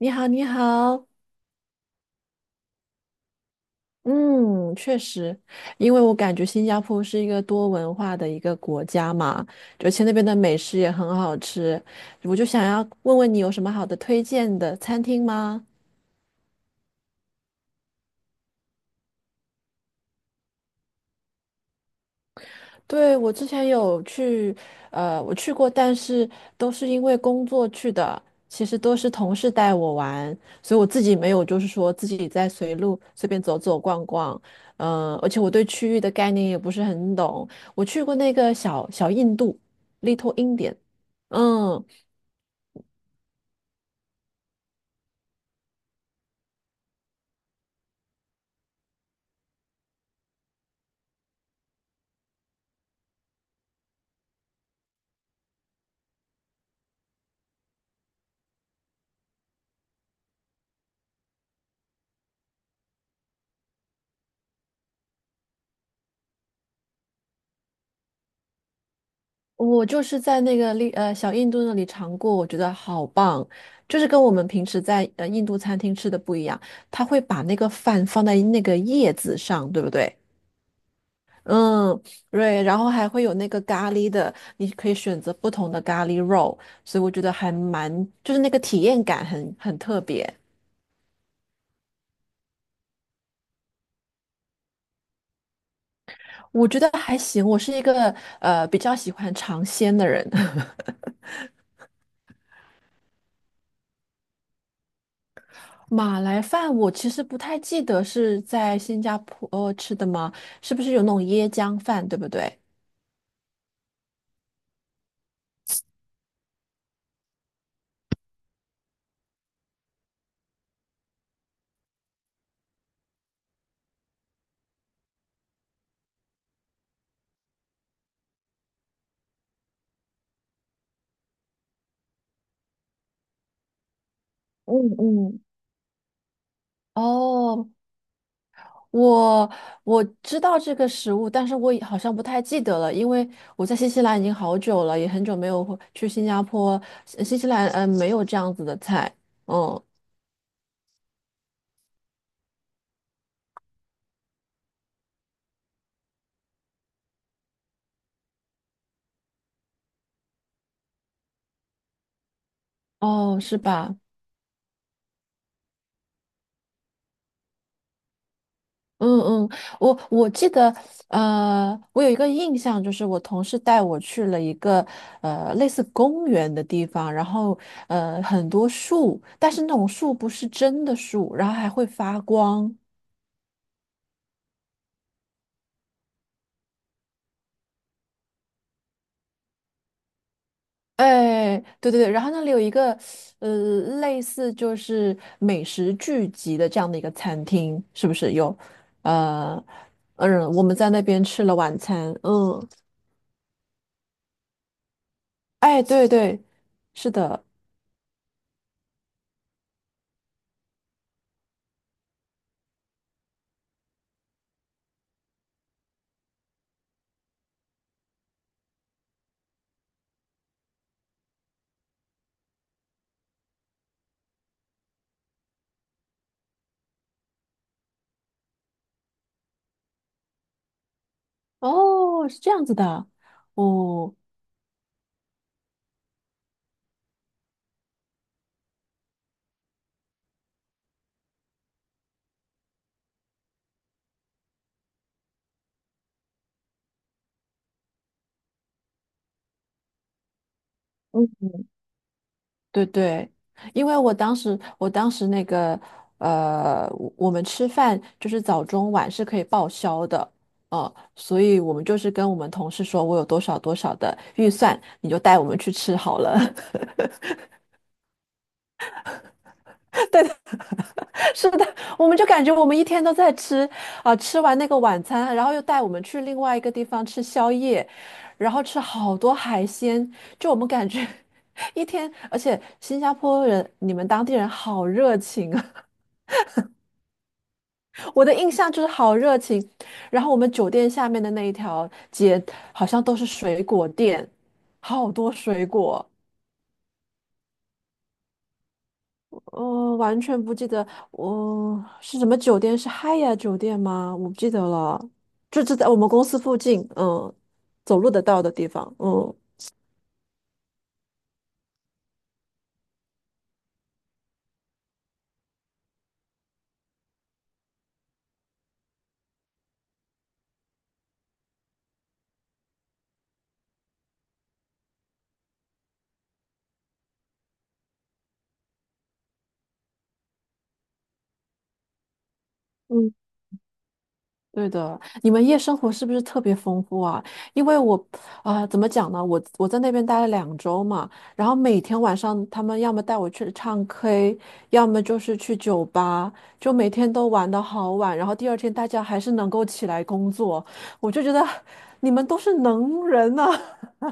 你好，你好，嗯，确实，因为我感觉新加坡是一个多文化的一个国家嘛，而且那边的美食也很好吃，我就想要问问你有什么好的推荐的餐厅吗？对，我之前有去，我去过，但是都是因为工作去的，其实都是同事带我玩，所以我自己没有，就是说自己在随路随便走走逛逛，而且我对区域的概念也不是很懂。我去过那个小印度 l i t t。 嗯，我就是在那个小印度那里尝过，我觉得好棒，就是跟我们平时在印度餐厅吃的不一样，他会把那个饭放在那个叶子上，对不对？嗯，对，然后还会有那个咖喱的，你可以选择不同的咖喱肉，所以我觉得还蛮，就是那个体验感很特别。我觉得还行，我是一个比较喜欢尝鲜的人。马来饭我其实不太记得是在新加坡吃的吗？是不是有那种椰浆饭，对不对？嗯嗯，哦，我我知道这个食物，但是我也好像不太记得了，因为我在新西兰已经好久了，也很久没有回去新加坡。新西兰没有这样子的菜，嗯。哦，是吧？嗯嗯，我记得我有一个印象，就是我同事带我去了一个类似公园的地方，然后很多树，但是那种树不是真的树，然后还会发光。哎，对对对，然后那里有一个呃，类似就是美食聚集的这样的一个餐厅，是不是有？呃，嗯，我们在那边吃了晚餐，嗯，哎，对对，是的，哦，是这样子的，哦，嗯。对对，因为我当时那个我们吃饭就是早中晚是可以报销的，所以我们就是跟我们同事说，我有多少多少的预算，你就带我们去吃好了。对，是的，我们就感觉我们一天都在吃吃完那个晚餐，然后又带我们去另外一个地方吃宵夜，然后吃好多海鲜，就我们感觉 一天，而且新加坡人你们当地人好热情啊。我的印象就是好热情，然后我们酒店下面的那一条街好像都是水果店，好多水果。嗯、完全不记得我、是什么酒店，是 h y a 酒店吗？我不记得了，就是在我们公司附近，嗯，走路得到的地方，嗯嗯。对的，你们夜生活是不是特别丰富啊？因为我，怎么讲呢？我在那边待了两周嘛，然后每天晚上他们要么带我去唱 K，要么就是去酒吧，就每天都玩得好晚，然后第二天大家还是能够起来工作，我就觉得你们都是能人呐、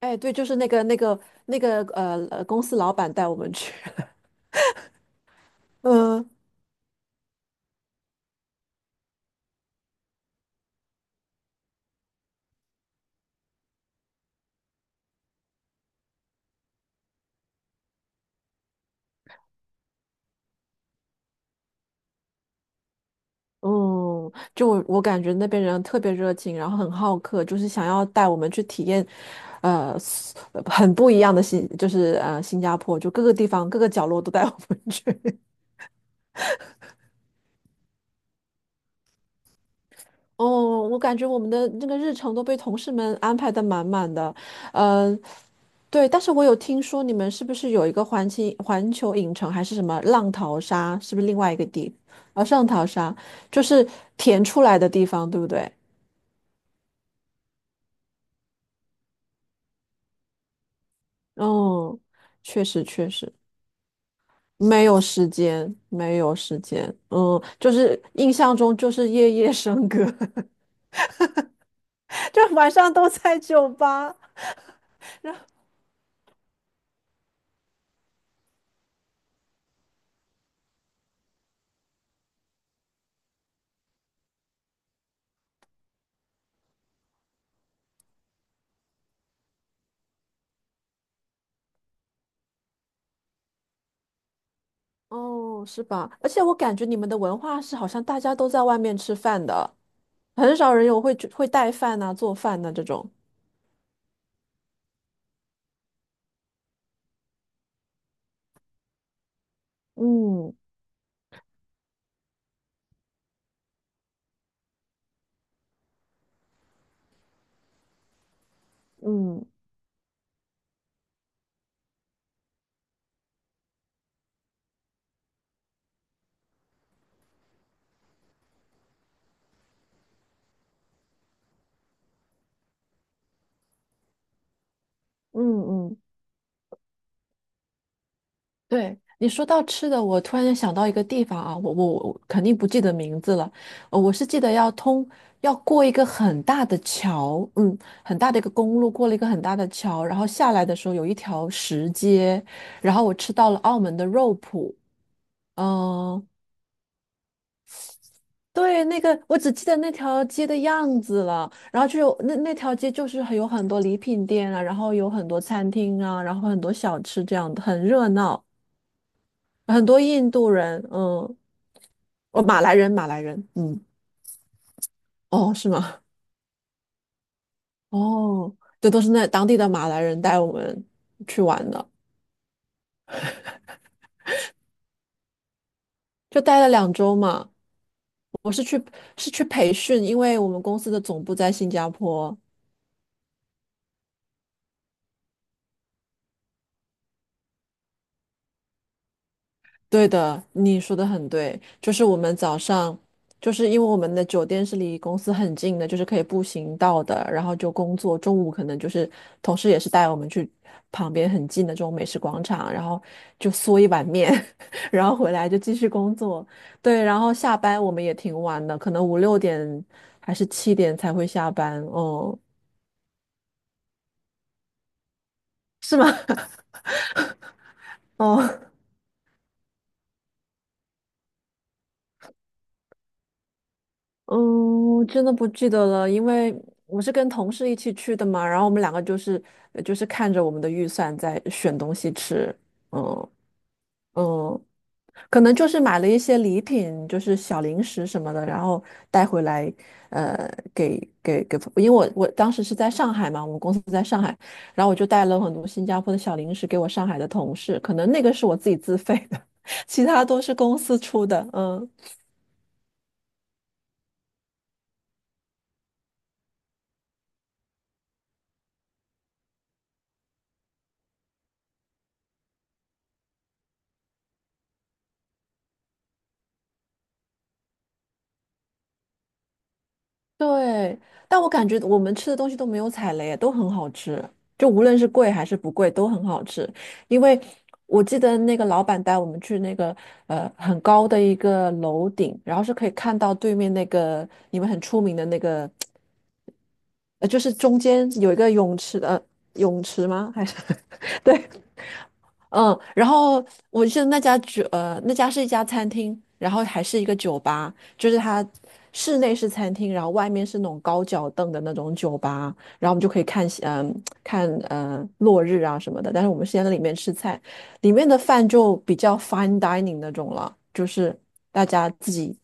哎，对，就是那个公司老板带我们去，嗯。嗯，就我感觉那边人特别热情，然后很好客，就是想要带我们去体验，呃，很不一样的新加坡，就各个地方各个角落都带我们去。哦，我感觉我们的那个日程都被同事们安排的满满的，嗯，对，但是我有听说你们是不是有一个环球影城还是什么浪淘沙，是不是另外一个地？啊，上淘沙就是填出来的地方，对不对？哦，确实确实。没有时间，没有时间。嗯，就是印象中就是夜夜笙歌，就晚上都在酒吧。哦，是吧？而且我感觉你们的文化是好像大家都在外面吃饭的，很少人有会带饭呐、做饭呐、这种。嗯嗯嗯嗯，对，你说到吃的，我突然间想到一个地方啊，我我肯定不记得名字了，我是记得要通要过一个很大的桥，嗯，很大的一个公路，过了一个很大的桥，然后下来的时候有一条石阶，然后我吃到了澳门的肉脯，嗯，对，那个我只记得那条街的样子了，然后就有那那条街就是有很多礼品店啊，然后有很多餐厅啊，然后很多小吃这样的，很热闹，很多印度人，嗯。哦，马来人，马来人，嗯，哦，是吗？哦，这都是那当地的马来人带我们去玩的，就待了两周嘛。我是去是去培训，因为我们公司的总部在新加坡，对的，你说的很对，就是我们早上，就是因为我们的酒店是离公司很近的，就是可以步行到的，然后就工作。中午可能就是同事也是带我们去旁边很近的这种美食广场，然后就嗦一碗面，然后回来就继续工作。对，然后下班我们也挺晚的，可能五六点还是七点才会下班。哦哦。嗯，我真的不记得了，因为我是跟同事一起去的嘛，然后我们两个就是就是看着我们的预算在选东西吃，嗯嗯，可能就是买了一些礼品，就是小零食什么的，然后带回来，给，因为我当时是在上海嘛，我们公司在上海，然后我就带了很多新加坡的小零食给我上海的同事，可能那个是我自己自费的，其他都是公司出的，嗯。对，但我感觉我们吃的东西都没有踩雷，都很好吃，就无论是贵还是不贵都很好吃。因为我记得那个老板带我们去那个很高的一个楼顶，然后是可以看到对面那个你们很出名的那个，就是中间有一个泳池的、泳池吗？还是 对，嗯，然后我记得那家是一家餐厅，然后还是一个酒吧，就是它室内是餐厅，然后外面是那种高脚凳的那种酒吧，然后我们就可以看夕嗯、看落日啊什么的。但是我们是在里面吃菜，里面的饭就比较 fine dining 那种了，就是大家自己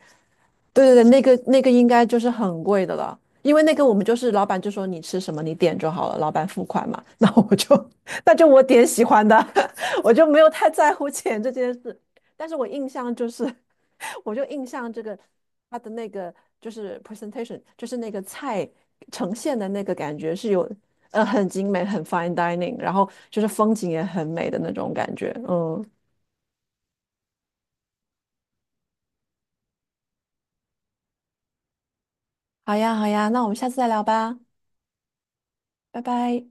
对对对，那个那个应该就是很贵的了，因为那个我们就是老板就说你吃什么你点就好了，老板付款嘛，那我就 那就我点喜欢的，我就没有太在乎钱这件事。但是我印象就是，我就印象这个他的那个就是 presentation，就是那个菜呈现的那个感觉是有很精美，很 fine dining，然后就是风景也很美的那种感觉。嗯，好呀好呀，那我们下次再聊吧，拜拜。